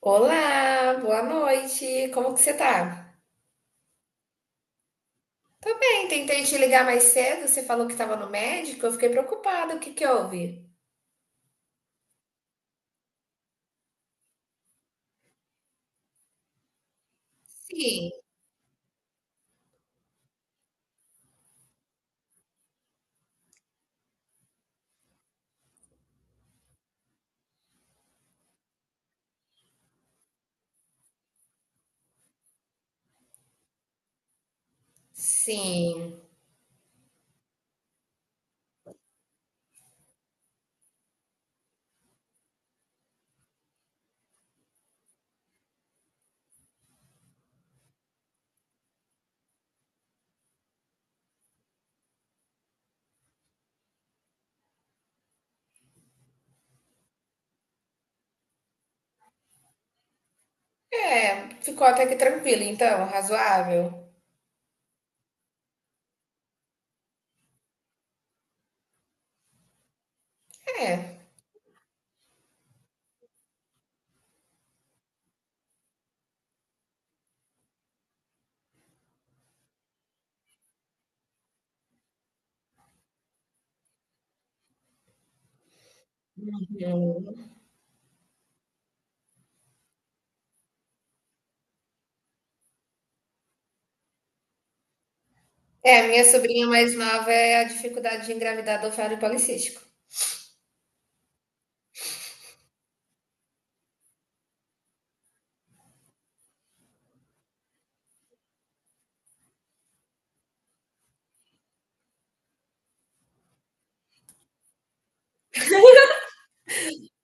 Olá, boa noite. Como que você tá? Bem, tentei te ligar mais cedo, você falou que estava no médico, eu fiquei preocupada. O que que houve? Sim, sim. É, ficou até que tranquilo, então, razoável. É. Hum. É, minha sobrinha mais nova é a dificuldade de engravidar do ovário policístico.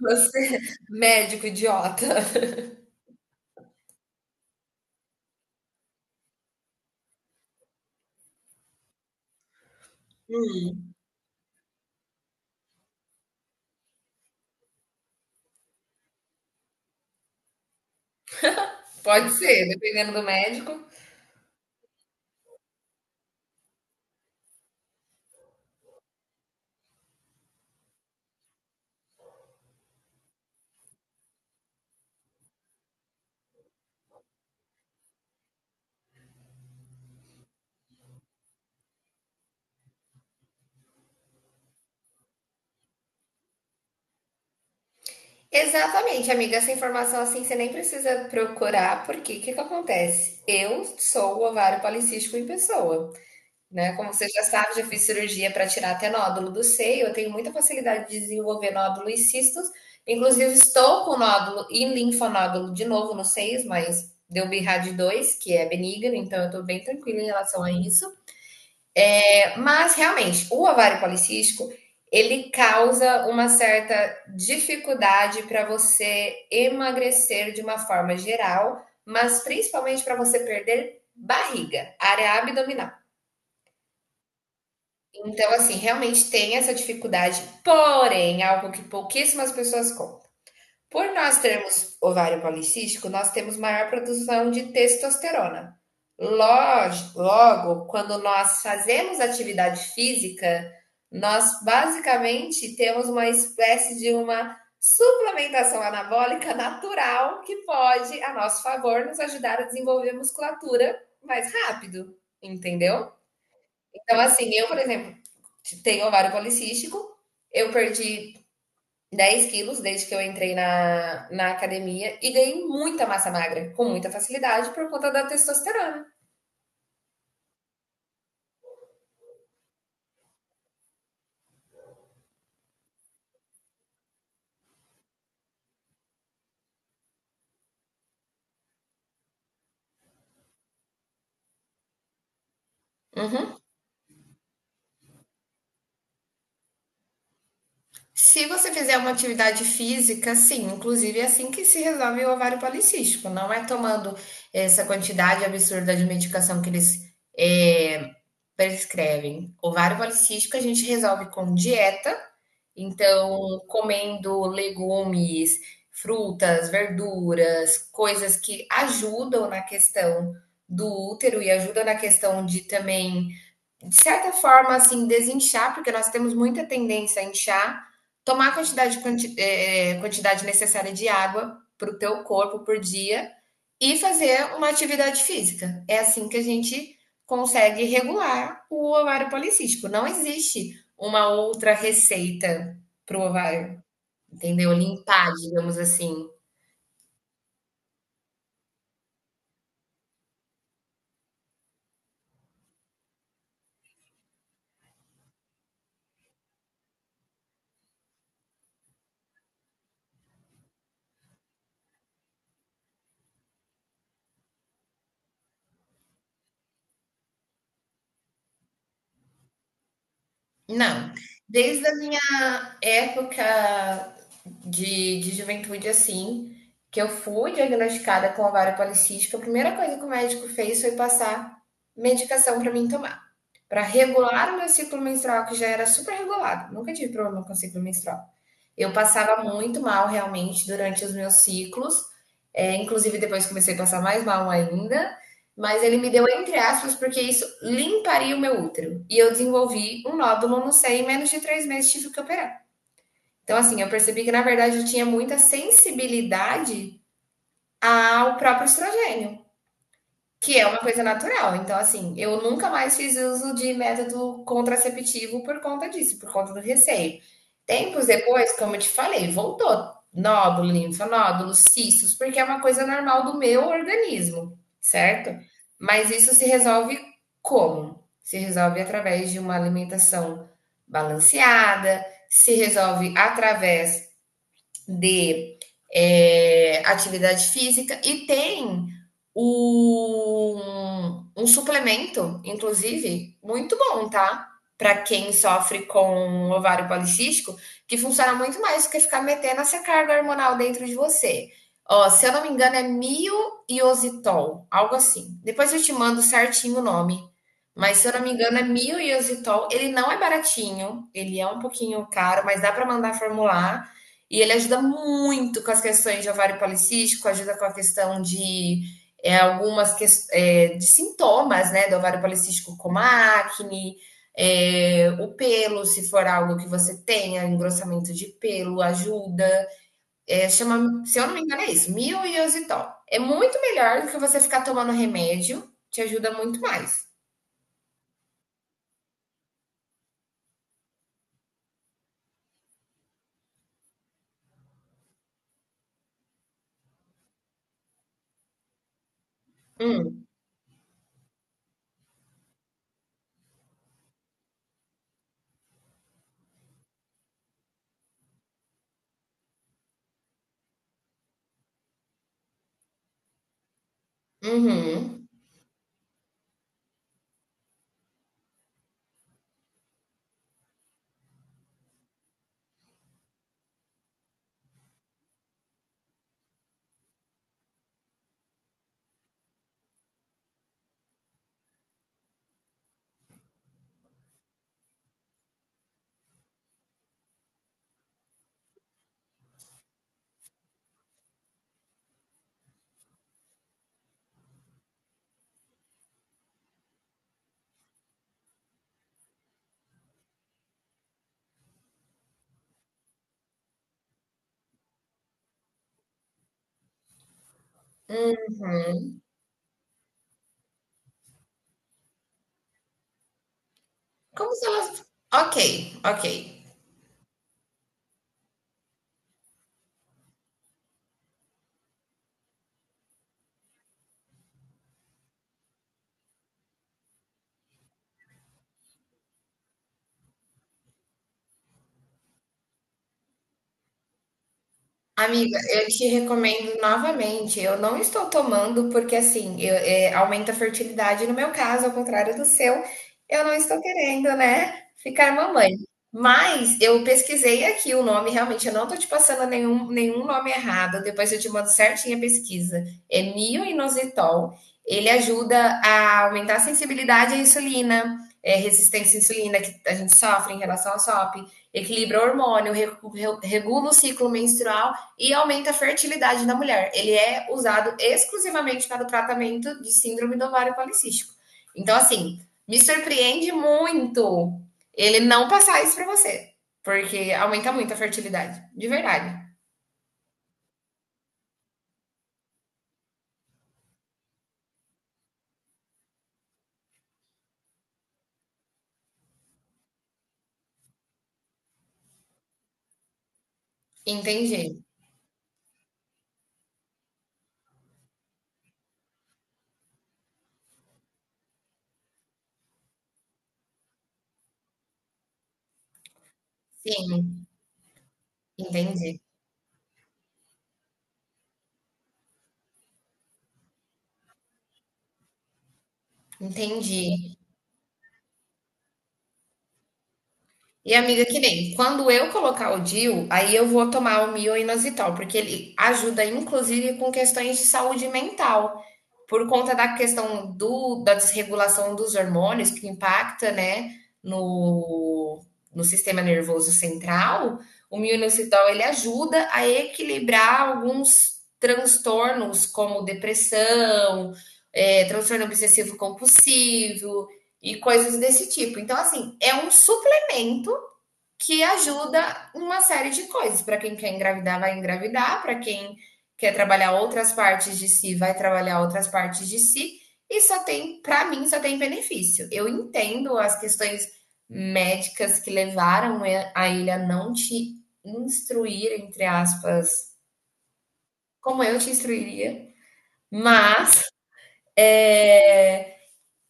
Você, médico idiota. Pode ser, dependendo do médico. Exatamente, amiga. Essa informação assim você nem precisa procurar, porque o que que acontece? Eu sou o ovário policístico em pessoa, né? Como você já sabe, já fiz cirurgia para tirar até nódulo do seio. Eu tenho muita facilidade de desenvolver nódulo e cistos. Inclusive, estou com nódulo e linfonódulo de novo nos seios, mas deu brad 2, que é benigno, então eu estou bem tranquila em relação a isso. Mas realmente, o ovário policístico, ele causa uma certa dificuldade para você emagrecer de uma forma geral, mas principalmente para você perder barriga, área abdominal. Então, assim, realmente tem essa dificuldade, porém, é algo que pouquíssimas pessoas contam. Por nós termos ovário policístico, nós temos maior produção de testosterona. Logo, quando nós fazemos atividade física, nós basicamente temos uma espécie de uma suplementação anabólica natural que pode, a nosso favor, nos ajudar a desenvolver musculatura mais rápido, entendeu? Então, assim, eu, por exemplo, tenho ovário policístico, eu perdi 10 quilos desde que eu entrei na academia e ganhei muita massa magra, com muita facilidade, por conta da testosterona. Uhum. Se você fizer uma atividade física, sim, inclusive é assim que se resolve o ovário policístico. Não é tomando essa quantidade absurda de medicação que eles é, prescrevem. Ovário policístico a gente resolve com dieta. Então, comendo legumes, frutas, verduras, coisas que ajudam na questão do útero e ajuda na questão de também de certa forma, assim, desinchar, porque nós temos muita tendência a inchar, tomar a quantidade, quanti- eh, eh, quantidade necessária de água para o teu corpo por dia e fazer uma atividade física. É assim que a gente consegue regular o ovário policístico. Não existe uma outra receita para o ovário, entendeu? Limpar, digamos assim. Não, desde a minha época de juventude, assim, que eu fui diagnosticada com ovário policístico, a primeira coisa que o médico fez foi passar medicação para mim tomar, para regular o meu ciclo menstrual, que já era super regulado, nunca tive problema com ciclo menstrual. Eu passava muito mal realmente durante os meus ciclos, é, inclusive depois comecei a passar mais mal ainda, mas ele me deu entre aspas, porque isso limparia o meu útero. E eu desenvolvi um nódulo no seio e em menos de 3 meses tive que operar. Então, assim, eu percebi que, na verdade, eu tinha muita sensibilidade ao próprio estrogênio, que é uma coisa natural. Então, assim, eu nunca mais fiz uso de método contraceptivo por conta disso, por conta do receio. Tempos depois, como eu te falei, voltou nódulo, linfonodulos, cistos, porque é uma coisa normal do meu organismo, certo? Mas isso se resolve como? Se resolve através de uma alimentação balanceada, se resolve através de atividade física e tem um suplemento, inclusive, muito bom, tá? Para quem sofre com um ovário policístico, que funciona muito mais do que ficar metendo essa carga hormonal dentro de você. Ó, se eu não me engano, é mioiositol, algo assim. Depois eu te mando certinho o nome. Mas se eu não me engano, é mioiositol. Ele não é baratinho, ele é um pouquinho caro, mas dá para mandar formular. E ele ajuda muito com as questões de ovário policístico, ajuda com a questão de algumas que, de sintomas né, do ovário policístico, como a acne, o pelo, se for algo que você tenha, engrossamento de pelo, ajuda. É, chama, se eu não me engano, é isso, milioxitol. É muito melhor do que você ficar tomando remédio, te ajuda muito mais. Hum, uhum, uhum. Como se elas. Ok, ok. Amiga, eu te recomendo novamente. Eu não estou tomando porque, assim, aumenta a fertilidade. No meu caso, ao contrário do seu, eu não estou querendo, né, ficar mamãe. Mas eu pesquisei aqui o nome, realmente, eu não estou te passando nenhum, nome errado. Depois eu te mando certinho a pesquisa. É mioinositol. Ele ajuda a aumentar a sensibilidade à insulina, é, resistência à insulina que a gente sofre em relação à SOP, equilibra o hormônio, regula o ciclo menstrual e aumenta a fertilidade da mulher. Ele é usado exclusivamente para o tratamento de síndrome do ovário policístico. Então, assim, me surpreende muito ele não passar isso para você, porque aumenta muito a fertilidade, de verdade. Entendi. Sim, entendi. Entendi. E amiga, que nem, quando eu colocar o DIU, aí eu vou tomar o mioinositol, porque ele ajuda inclusive com questões de saúde mental, por conta da questão da desregulação dos hormônios que impacta, né, no, no sistema nervoso central, o mioinositol ele ajuda a equilibrar alguns transtornos como depressão, transtorno obsessivo compulsivo e coisas desse tipo. Então, assim, é um suplemento que ajuda uma série de coisas. Para quem quer engravidar, vai engravidar, para quem quer trabalhar outras partes de si, vai trabalhar outras partes de si, e só tem, para mim, só tem benefício. Eu entendo as questões médicas que levaram a ele a não te instruir, entre aspas, como eu te instruiria, mas é,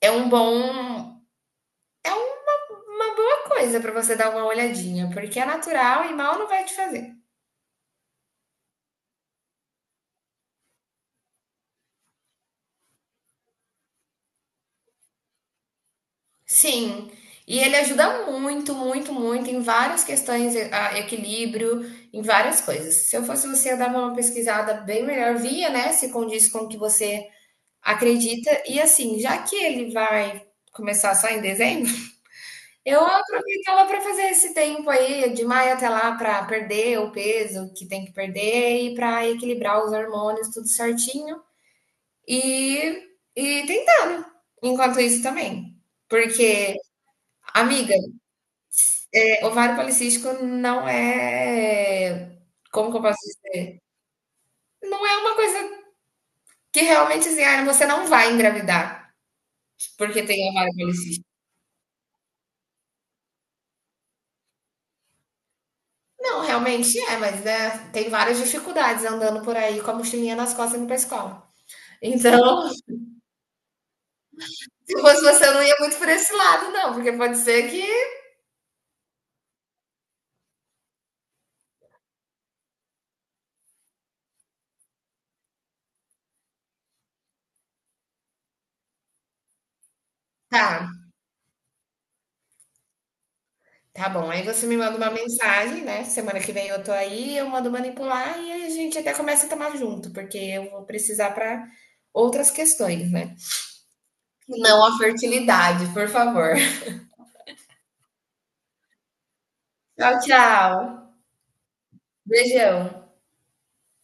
é um bom, é uma boa coisa para você dar uma olhadinha, porque é natural e mal não vai te fazer. Sim, e ele ajuda muito, muito, muito em várias questões, a equilíbrio, em várias coisas. Se eu fosse você, eu dava uma pesquisada bem melhor, via, né, se condiz com o que você acredita. E assim, já que ele vai começar só em dezembro, eu aproveitava para fazer esse tempo aí, de maio até lá, para perder o peso que tem que perder e para equilibrar os hormônios, tudo certinho. E, e tentando, enquanto isso também. Porque, amiga, ovário policístico não é, como que eu posso dizer? Não é uma coisa que realmente assim, ah, você não vai engravidar porque tem ovário policístico. Não, realmente é, mas, né, tem várias dificuldades andando por aí com a mochilinha nas costas indo pra escola. Então, se fosse você, eu não ia muito por esse lado não, porque pode ser que. Tá, tá bom, aí você me manda uma mensagem, né, semana que vem eu tô aí, eu mando manipular e aí a gente até começa a tomar junto, porque eu vou precisar pra outras questões, né, não a fertilidade, por favor. Tchau, tchau. Beijão.